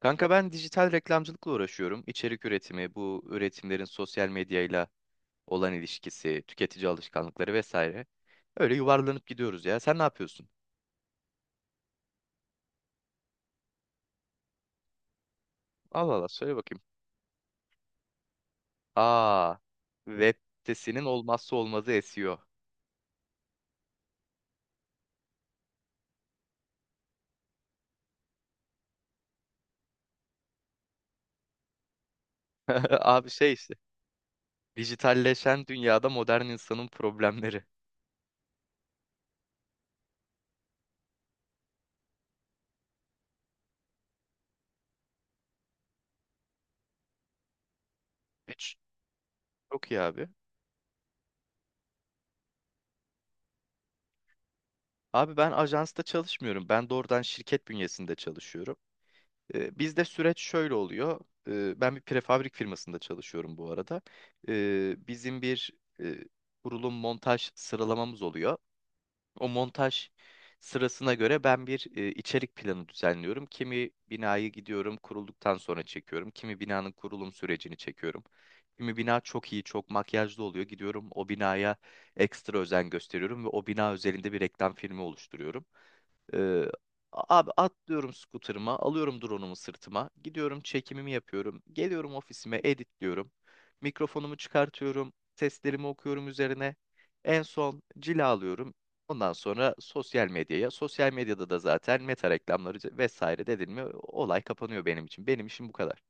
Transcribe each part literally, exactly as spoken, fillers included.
Kanka ben dijital reklamcılıkla uğraşıyorum. İçerik üretimi, bu üretimlerin sosyal medyayla olan ilişkisi, tüketici alışkanlıkları vesaire. Öyle yuvarlanıp gidiyoruz ya. Sen ne yapıyorsun? Allah Allah söyle bakayım. Aa, web sitesinin olmazsa olmazı S E O. Abi şey işte. Dijitalleşen dünyada modern insanın problemleri. Hiç. Çok iyi abi. Abi ben ajansta çalışmıyorum. Ben doğrudan şirket bünyesinde çalışıyorum. E, Bizde süreç şöyle oluyor. E, Ben bir prefabrik firmasında çalışıyorum bu arada. E, Bizim bir e, kurulum montaj sıralamamız oluyor. O montaj sırasına göre ben bir e, içerik planı düzenliyorum. Kimi binayı gidiyorum kurulduktan sonra çekiyorum. Kimi binanın kurulum sürecini çekiyorum. Kimi bina çok iyi, çok makyajlı oluyor. Gidiyorum o binaya ekstra özen gösteriyorum ve o bina özelinde bir reklam filmi oluşturuyorum. Ee, abi atlıyorum scooter'ıma, alıyorum drone'umu sırtıma, gidiyorum çekimimi yapıyorum, geliyorum ofisime editliyorum, mikrofonumu çıkartıyorum, seslerimi okuyorum üzerine, en son cilalıyorum. Ondan sonra sosyal medyaya, sosyal medyada da zaten meta reklamları vesaire dedin mi olay kapanıyor benim için. Benim işim bu kadar.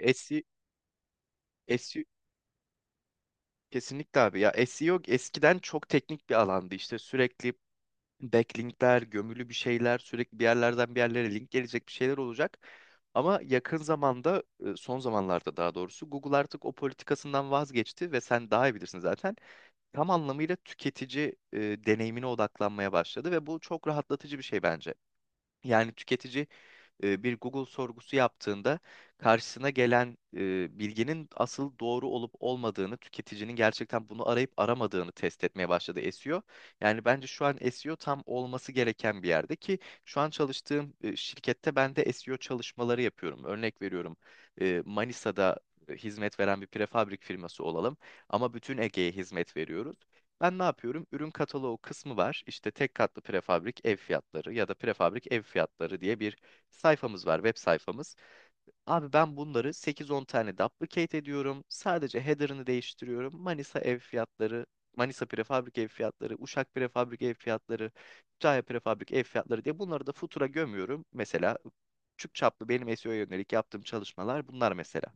S E O, S E O kesinlikle abi ya S E O eskiden çok teknik bir alandı işte sürekli backlinkler, gömülü bir şeyler, sürekli bir yerlerden bir yerlere link gelecek bir şeyler olacak. Ama yakın zamanda, e, son zamanlarda daha doğrusu Google artık o politikasından vazgeçti ve sen daha iyi bilirsin zaten. Tam anlamıyla tüketici e, deneyimine odaklanmaya başladı ve bu çok rahatlatıcı bir şey bence. Yani tüketici e, bir Google sorgusu yaptığında karşısına gelen e, bilginin asıl doğru olup olmadığını, tüketicinin gerçekten bunu arayıp aramadığını test etmeye başladı S E O. Yani bence şu an S E O tam olması gereken bir yerde ki şu an çalıştığım e, şirkette ben de S E O çalışmaları yapıyorum. Örnek veriyorum e, Manisa'da e, hizmet veren bir prefabrik firması olalım ama bütün Ege'ye hizmet veriyoruz. Ben ne yapıyorum? Ürün kataloğu kısmı var. İşte tek katlı prefabrik ev fiyatları ya da prefabrik ev fiyatları diye bir sayfamız var, web sayfamız. Abi ben bunları sekiz on tane duplicate ediyorum. Sadece header'ını değiştiriyorum. Manisa ev fiyatları, Manisa prefabrik ev fiyatları, Uşak prefabrik ev fiyatları, Kütahya prefabrik ev fiyatları diye bunları da futura gömüyorum. Mesela küçük çaplı benim S E O'ya yönelik yaptığım çalışmalar bunlar mesela.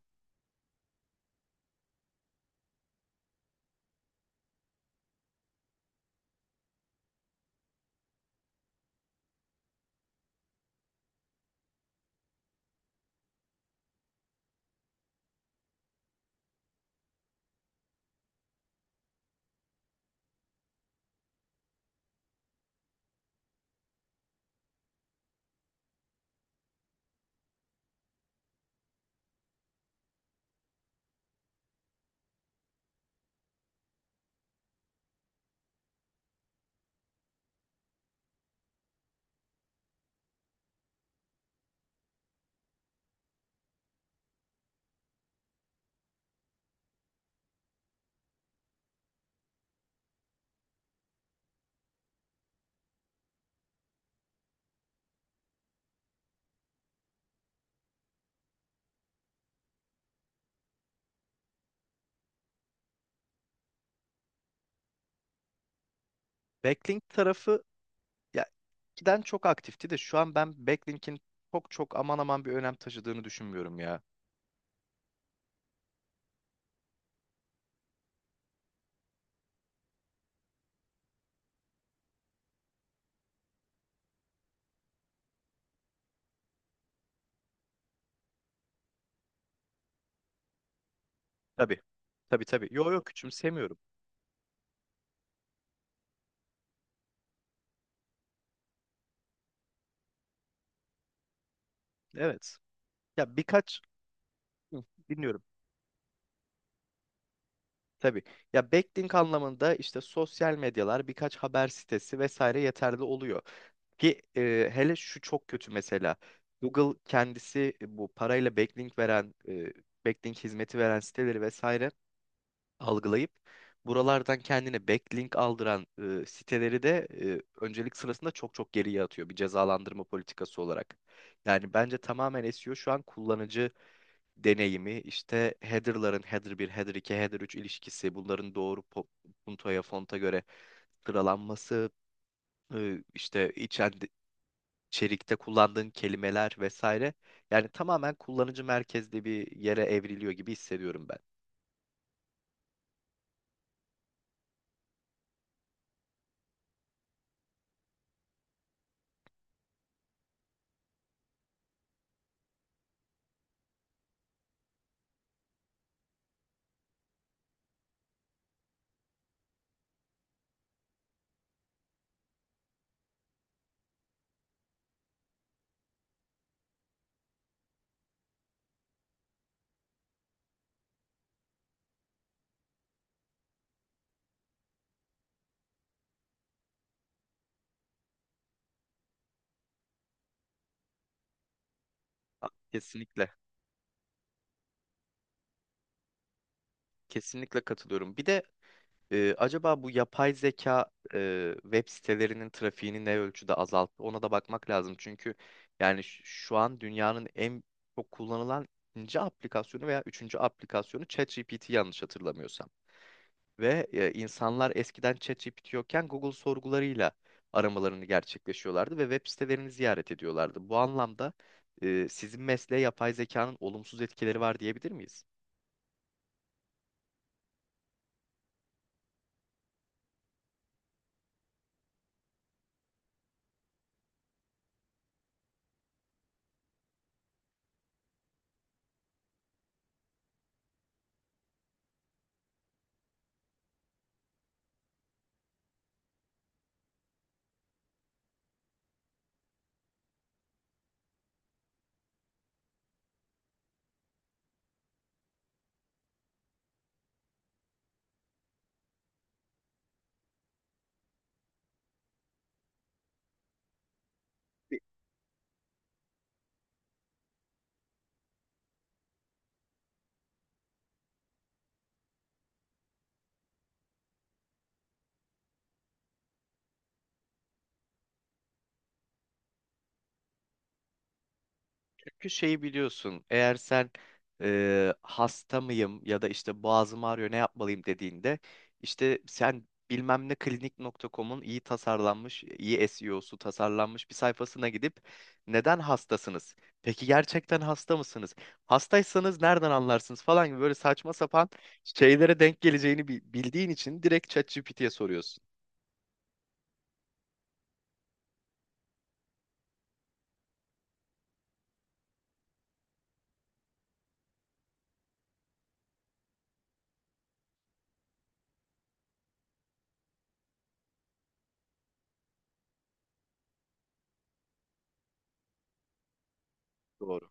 Backlink tarafı ya giden çok aktifti de şu an ben backlink'in çok çok aman aman bir önem taşıdığını düşünmüyorum ya. Tabii. Tabii, tabii. Yo, yo, küçümsemiyorum. Evet. Ya birkaç. Hı, dinliyorum. Tabii. Ya backlink anlamında işte sosyal medyalar, birkaç haber sitesi vesaire yeterli oluyor. Ki e, hele şu çok kötü mesela. Google kendisi e, bu parayla backlink veren, e, backlink hizmeti veren siteleri vesaire algılayıp buralardan kendine backlink aldıran e, siteleri de e, öncelik sırasında çok çok geriye atıyor bir cezalandırma politikası olarak. Yani bence tamamen S E O şu an kullanıcı deneyimi işte header'ların header bir header iki header üç ilişkisi, bunların doğru po- puntoya, fonta göre sıralanması, e, işte içen içerikte kullandığın kelimeler vesaire. Yani tamamen kullanıcı merkezli bir yere evriliyor gibi hissediyorum ben. A- Kesinlikle. Kesinlikle katılıyorum. Bir de Ee, acaba bu yapay zeka e, web sitelerinin trafiğini ne ölçüde azalttı? Ona da bakmak lazım. Çünkü yani ş- şu an dünyanın en çok kullanılan ikinci aplikasyonu veya üçüncü aplikasyonu ChatGPT yanlış hatırlamıyorsam. Ve e, insanlar eskiden ChatGPT yokken Google sorgularıyla aramalarını gerçekleşiyorlardı ve web sitelerini ziyaret ediyorlardı. Bu anlamda e, sizin mesleğe yapay zekanın olumsuz etkileri var diyebilir miyiz? Çünkü şeyi biliyorsun. Eğer sen e, hasta mıyım ya da işte boğazım ağrıyor ne yapmalıyım dediğinde işte sen bilmem ne klinik nokta com'un iyi tasarlanmış, iyi S E O'su tasarlanmış bir sayfasına gidip neden hastasınız? Peki gerçekten hasta mısınız? Hastaysanız nereden anlarsınız falan gibi böyle saçma sapan şeylere denk geleceğini bi- bildiğin için direkt ChatGPT'ye soruyorsun. Doğru.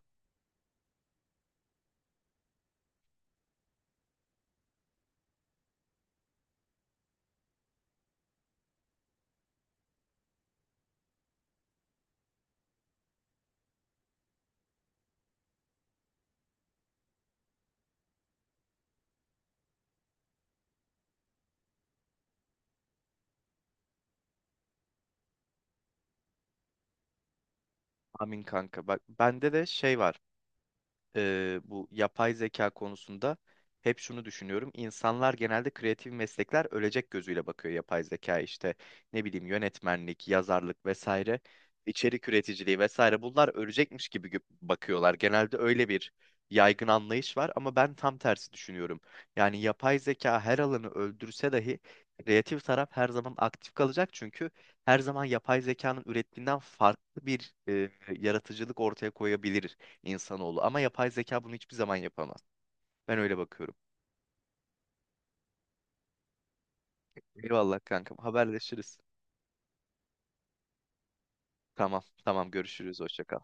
Amin kanka. Bak bende de şey var. e, bu yapay zeka konusunda hep şunu düşünüyorum. İnsanlar genelde kreatif meslekler ölecek gözüyle bakıyor yapay zeka işte ne bileyim yönetmenlik, yazarlık vesaire, içerik üreticiliği vesaire bunlar ölecekmiş gibi gö- bakıyorlar. Genelde öyle bir yaygın anlayış var ama ben tam tersi düşünüyorum. Yani yapay zeka her alanı öldürse dahi kreatif taraf her zaman aktif kalacak çünkü her zaman yapay zekanın ürettiğinden farklı bir e, yaratıcılık ortaya koyabilir insanoğlu. Ama yapay zeka bunu hiçbir zaman yapamaz. Ben öyle bakıyorum. Eyvallah kankam. Haberleşiriz. Tamam, tamam görüşürüz. Hoşça kal.